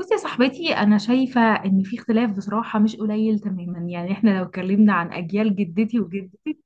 بصي يا صاحبتي، انا شايفه ان في اختلاف بصراحه مش قليل تماما، يعني احنا لو اتكلمنا عن اجيال جدتي وجدتي.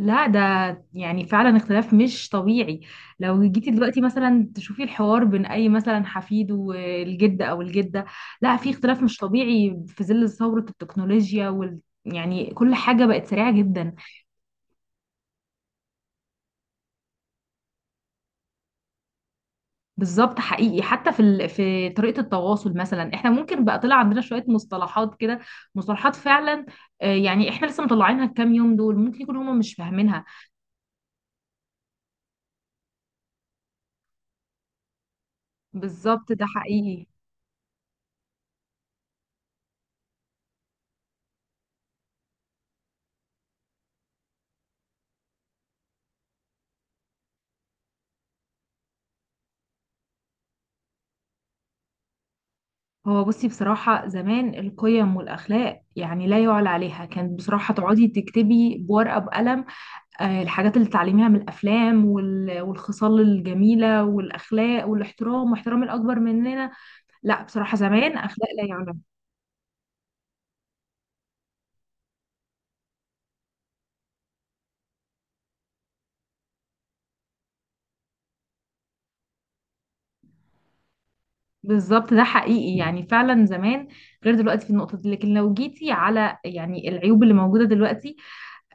لا، ده يعني فعلا اختلاف مش طبيعي. لو جيتي دلوقتي مثلا تشوفي الحوار بين اي مثلا حفيد والجد او الجده، لا، في اختلاف مش طبيعي في ظل ثوره التكنولوجيا يعني كل حاجه بقت سريعه جدا. بالظبط حقيقي، حتى في طريقة التواصل، مثلا احنا ممكن بقى طلع عندنا شوية مصطلحات كده، مصطلحات فعلا. يعني احنا لسه مطلعينها الكام يوم دول، ممكن يكون هما مش فاهمينها. بالظبط ده حقيقي. هو بصي، بصراحة زمان القيم والأخلاق يعني لا يعلى عليها، كانت بصراحة تقعدي تكتبي بورقة بقلم. الحاجات اللي تتعلميها من الأفلام والخصال الجميلة والأخلاق والاحترام واحترام الأكبر مننا. لا، بصراحة زمان أخلاق لا يعلى. بالظبط ده حقيقي، يعني فعلا زمان غير دلوقتي في النقطة دي، لكن لو جيتي على يعني العيوب اللي موجودة دلوقتي.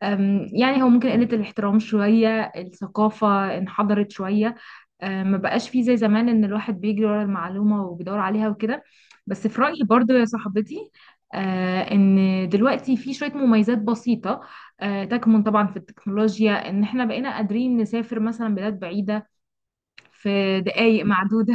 يعني هو ممكن قلة الاحترام شوية، الثقافة انحدرت شوية. ما بقاش فيه زي زمان ان الواحد بيجري ورا المعلومة وبيدور عليها وكده. بس في رأيي برضو يا صاحبتي، ان دلوقتي في شوية مميزات بسيطة. تكمن طبعا في التكنولوجيا ان احنا بقينا قادرين نسافر مثلا بلاد بعيدة في دقايق معدودة.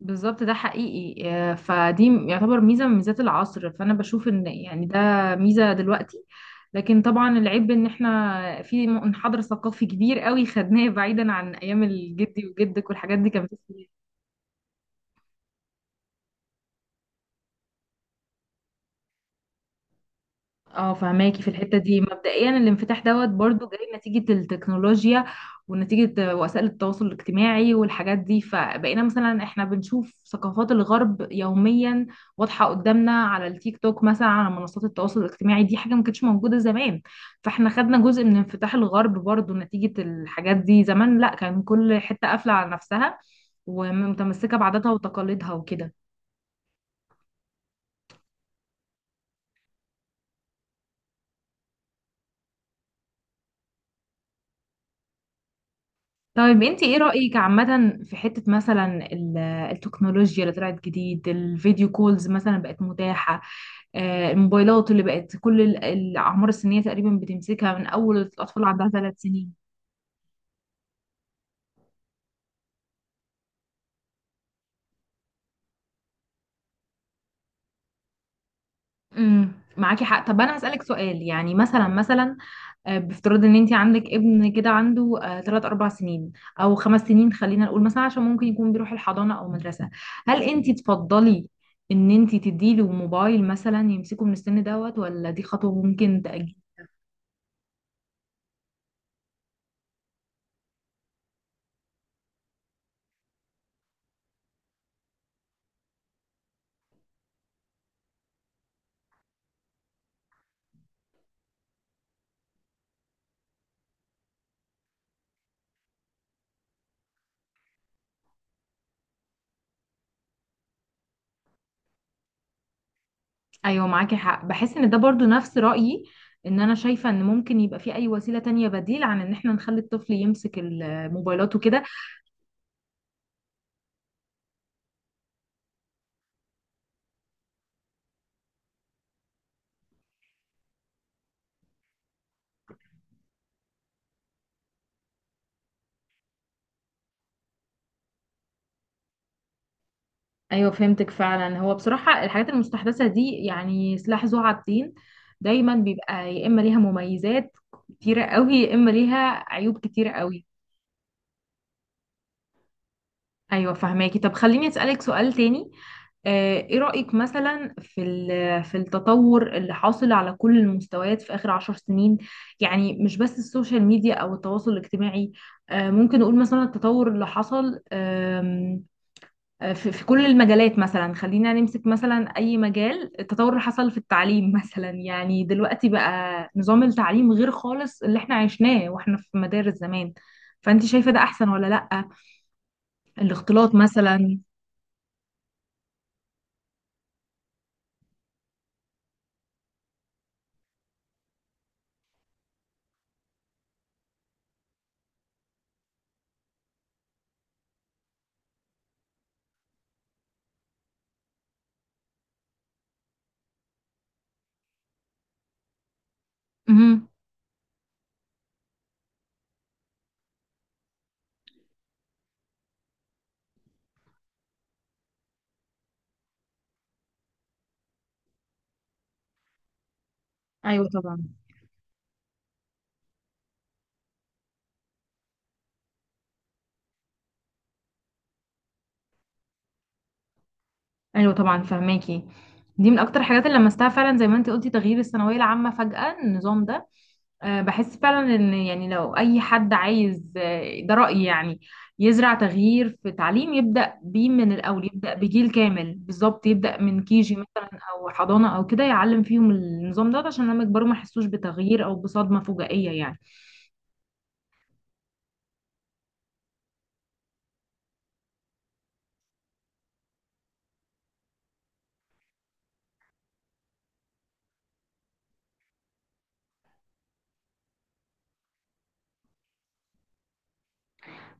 بالظبط ده حقيقي. فدي يعتبر ميزة من ميزات العصر، فأنا بشوف إن يعني ده ميزة دلوقتي. لكن طبعا العيب إن إحنا في منحدر ثقافي كبير قوي خدناه بعيدا عن أيام الجدي وجدك، والحاجات دي كانت. اه، فهماكي في الحتة دي، مبدئيا الانفتاح دوت برضو جاي نتيجة التكنولوجيا، ونتيجة وسائل التواصل الاجتماعي والحاجات دي، فبقينا مثلا احنا بنشوف ثقافات الغرب يوميا، واضحة قدامنا على التيك توك مثلا، على منصات التواصل الاجتماعي دي، حاجة ما كانتش موجودة زمان. فاحنا خدنا جزء من انفتاح الغرب برضو نتيجة الحاجات دي، زمان لا، كان كل حتة قافلة على نفسها، ومتمسكة بعاداتها وتقاليدها وكده. طيب انت ايه رأيك عامة في حتة مثلا التكنولوجيا اللي طلعت جديد، الفيديو كولز مثلا بقت متاحة. الموبايلات اللي بقت كل الأعمار السنية تقريبا بتمسكها، من أول الأطفال عندها 3 سنين. معاكي حق، طب أنا هسألك سؤال، يعني مثلا. بافتراض ان انت عندك ابن كده عنده 3 4 سنين او 5 سنين، خلينا نقول، مثلا عشان ممكن يكون بيروح الحضانة او مدرسة. هل انت تفضلي ان انت تديله موبايل مثلا يمسكه من السن دوت، ولا دي خطوة ممكن تأجيل؟ ايوه معاكي حق، بحس ان ده برضو نفس رأيي، ان انا شايفة ان ممكن يبقى في اي وسيلة تانية بديل عن ان احنا نخلي الطفل يمسك الموبايلات وكده. ايوه فهمتك، فعلا هو بصراحه الحاجات المستحدثه دي يعني سلاح ذو حدين. دايما بيبقى يا اما ليها مميزات كتيره قوي، يا اما ليها عيوب كتيره قوي. ايوه فهماكي، طب خليني اسالك سؤال تاني. ايه رايك مثلا في التطور اللي حاصل على كل المستويات في اخر 10 سنين؟ يعني مش بس السوشيال ميديا او التواصل الاجتماعي. ممكن نقول مثلا التطور اللي حصل، في كل المجالات، مثلا خلينا نمسك مثلا اي مجال، التطور اللي حصل في التعليم مثلا، يعني دلوقتي بقى نظام التعليم غير خالص اللي احنا عشناه واحنا في مدارس زمان. فانت شايفة ده احسن ولا لأ؟ الاختلاط مثلا؟ امم ايوه طبعا. ايوه طبعا فهماكي. دي من اكتر الحاجات اللي لمستها فعلا، زي ما انت قلتي، تغيير الثانوية العامة فجأة، النظام ده. بحس فعلا ان، يعني لو اي حد عايز، ده رأيي يعني، يزرع تغيير في تعليم، يبدأ بيه من الاول، يبدأ بجيل كامل بالظبط، يبدأ من كيجي مثلا او حضانة او كده، يعلم فيهم النظام ده عشان لما يكبروا ما يحسوش بتغيير او بصدمة فجائية يعني.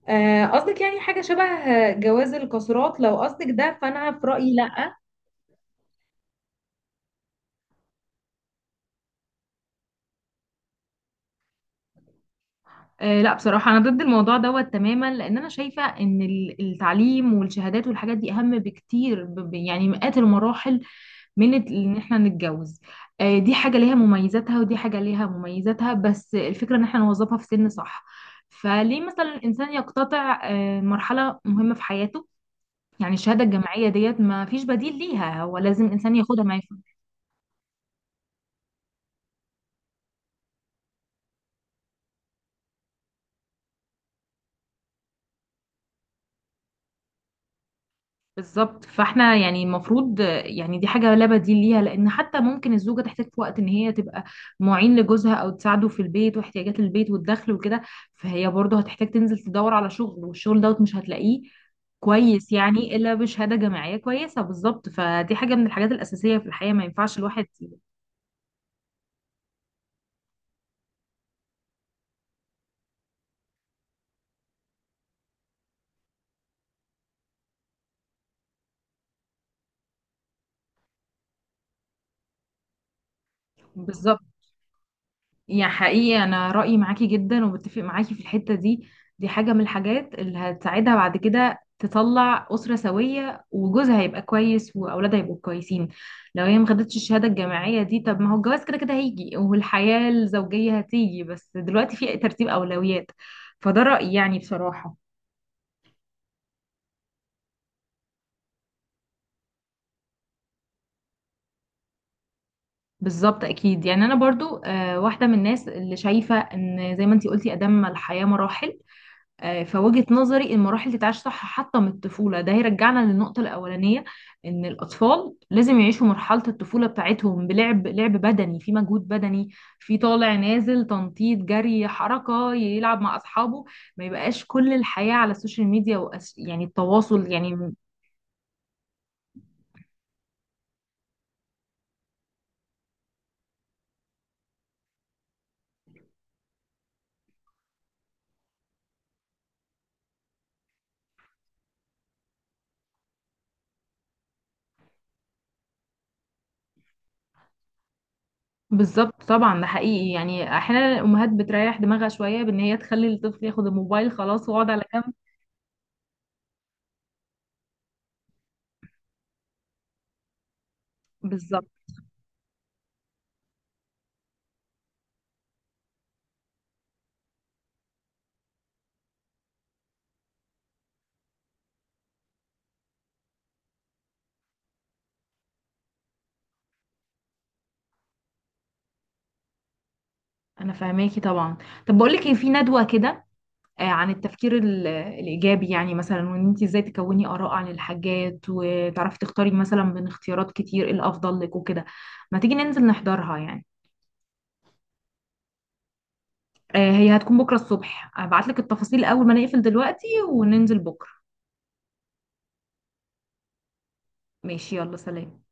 قصدك يعني حاجة شبه، جواز القاصرات؟ لو قصدك ده فأنا في رأيي لا. أه لا، بصراحة أنا ضد الموضوع دوت تماما، لأن أنا شايفة إن التعليم والشهادات والحاجات دي أهم بكتير، يعني مئات المراحل ان احنا نتجوز. دي حاجة ليها مميزاتها ودي حاجة ليها مميزاتها، بس الفكرة ان احنا نوظفها في سن صح. فليه مثلا الانسان يقتطع مرحلة مهمة في حياته؟ يعني الشهادة الجامعية ديت ما فيش بديل ليها، هو لازم الانسان ياخدها ما... بالظبط، فاحنا يعني المفروض، يعني دي حاجة لا بديل ليها، لأن حتى ممكن الزوجة تحتاج في وقت إن هي تبقى معين لجوزها، أو تساعده في البيت واحتياجات البيت والدخل وكده. فهي برضه هتحتاج تنزل تدور على شغل، والشغل دوت مش هتلاقيه كويس، يعني إلا بشهادة جامعية كويسة. بالظبط، فدي حاجة من الحاجات الأساسية في الحياة، ما ينفعش الواحد. بالظبط، يا حقيقي انا رايي معاكي جدا، وبتفق معاكي في الحته دي. دي حاجه من الحاجات اللي هتساعدها بعد كده تطلع اسره سويه، وجوزها هيبقى كويس، واولادها هيبقوا كويسين. لو هي ما خدتش الشهاده الجامعيه دي، طب ما هو الجواز كده كده هيجي، والحياه الزوجيه هتيجي، بس دلوقتي في ترتيب اولويات. فده رايي يعني بصراحه. بالظبط اكيد، يعني انا برضو واحده من الناس اللي شايفه ان زي ما انتي قلتي، ادام الحياه مراحل. فوجهة نظري المراحل تتعاش صح، حتى من الطفولة، ده هيرجعنا للنقطة الأولانية. إن الأطفال لازم يعيشوا مرحلة الطفولة بتاعتهم، بلعب، لعب بدني، في مجهود بدني، في طالع نازل، تنطيط، جري، حركة، يلعب مع أصحابه. ما يبقاش كل الحياة على السوشيال ميديا يعني التواصل، يعني. بالظبط طبعا، ده حقيقي، يعني أحيانا الأمهات بتريح دماغها شوية بإن هي تخلي الطفل ياخد الموبايل خلاص ويقعد على جنب. بالظبط، أنا فاهماكي طبعا. طب بقولك إيه، في ندوة كده، عن التفكير الإيجابي، يعني مثلا وإن أنت إزاي تكوني آراء عن الحاجات، وتعرفي تختاري مثلا من اختيارات كتير إيه الأفضل لك وكده. ما تيجي ننزل نحضرها يعني؟ هي هتكون بكرة الصبح، هبعتلك التفاصيل أول ما نقفل دلوقتي، وننزل بكرة. ماشي، يلا سلام.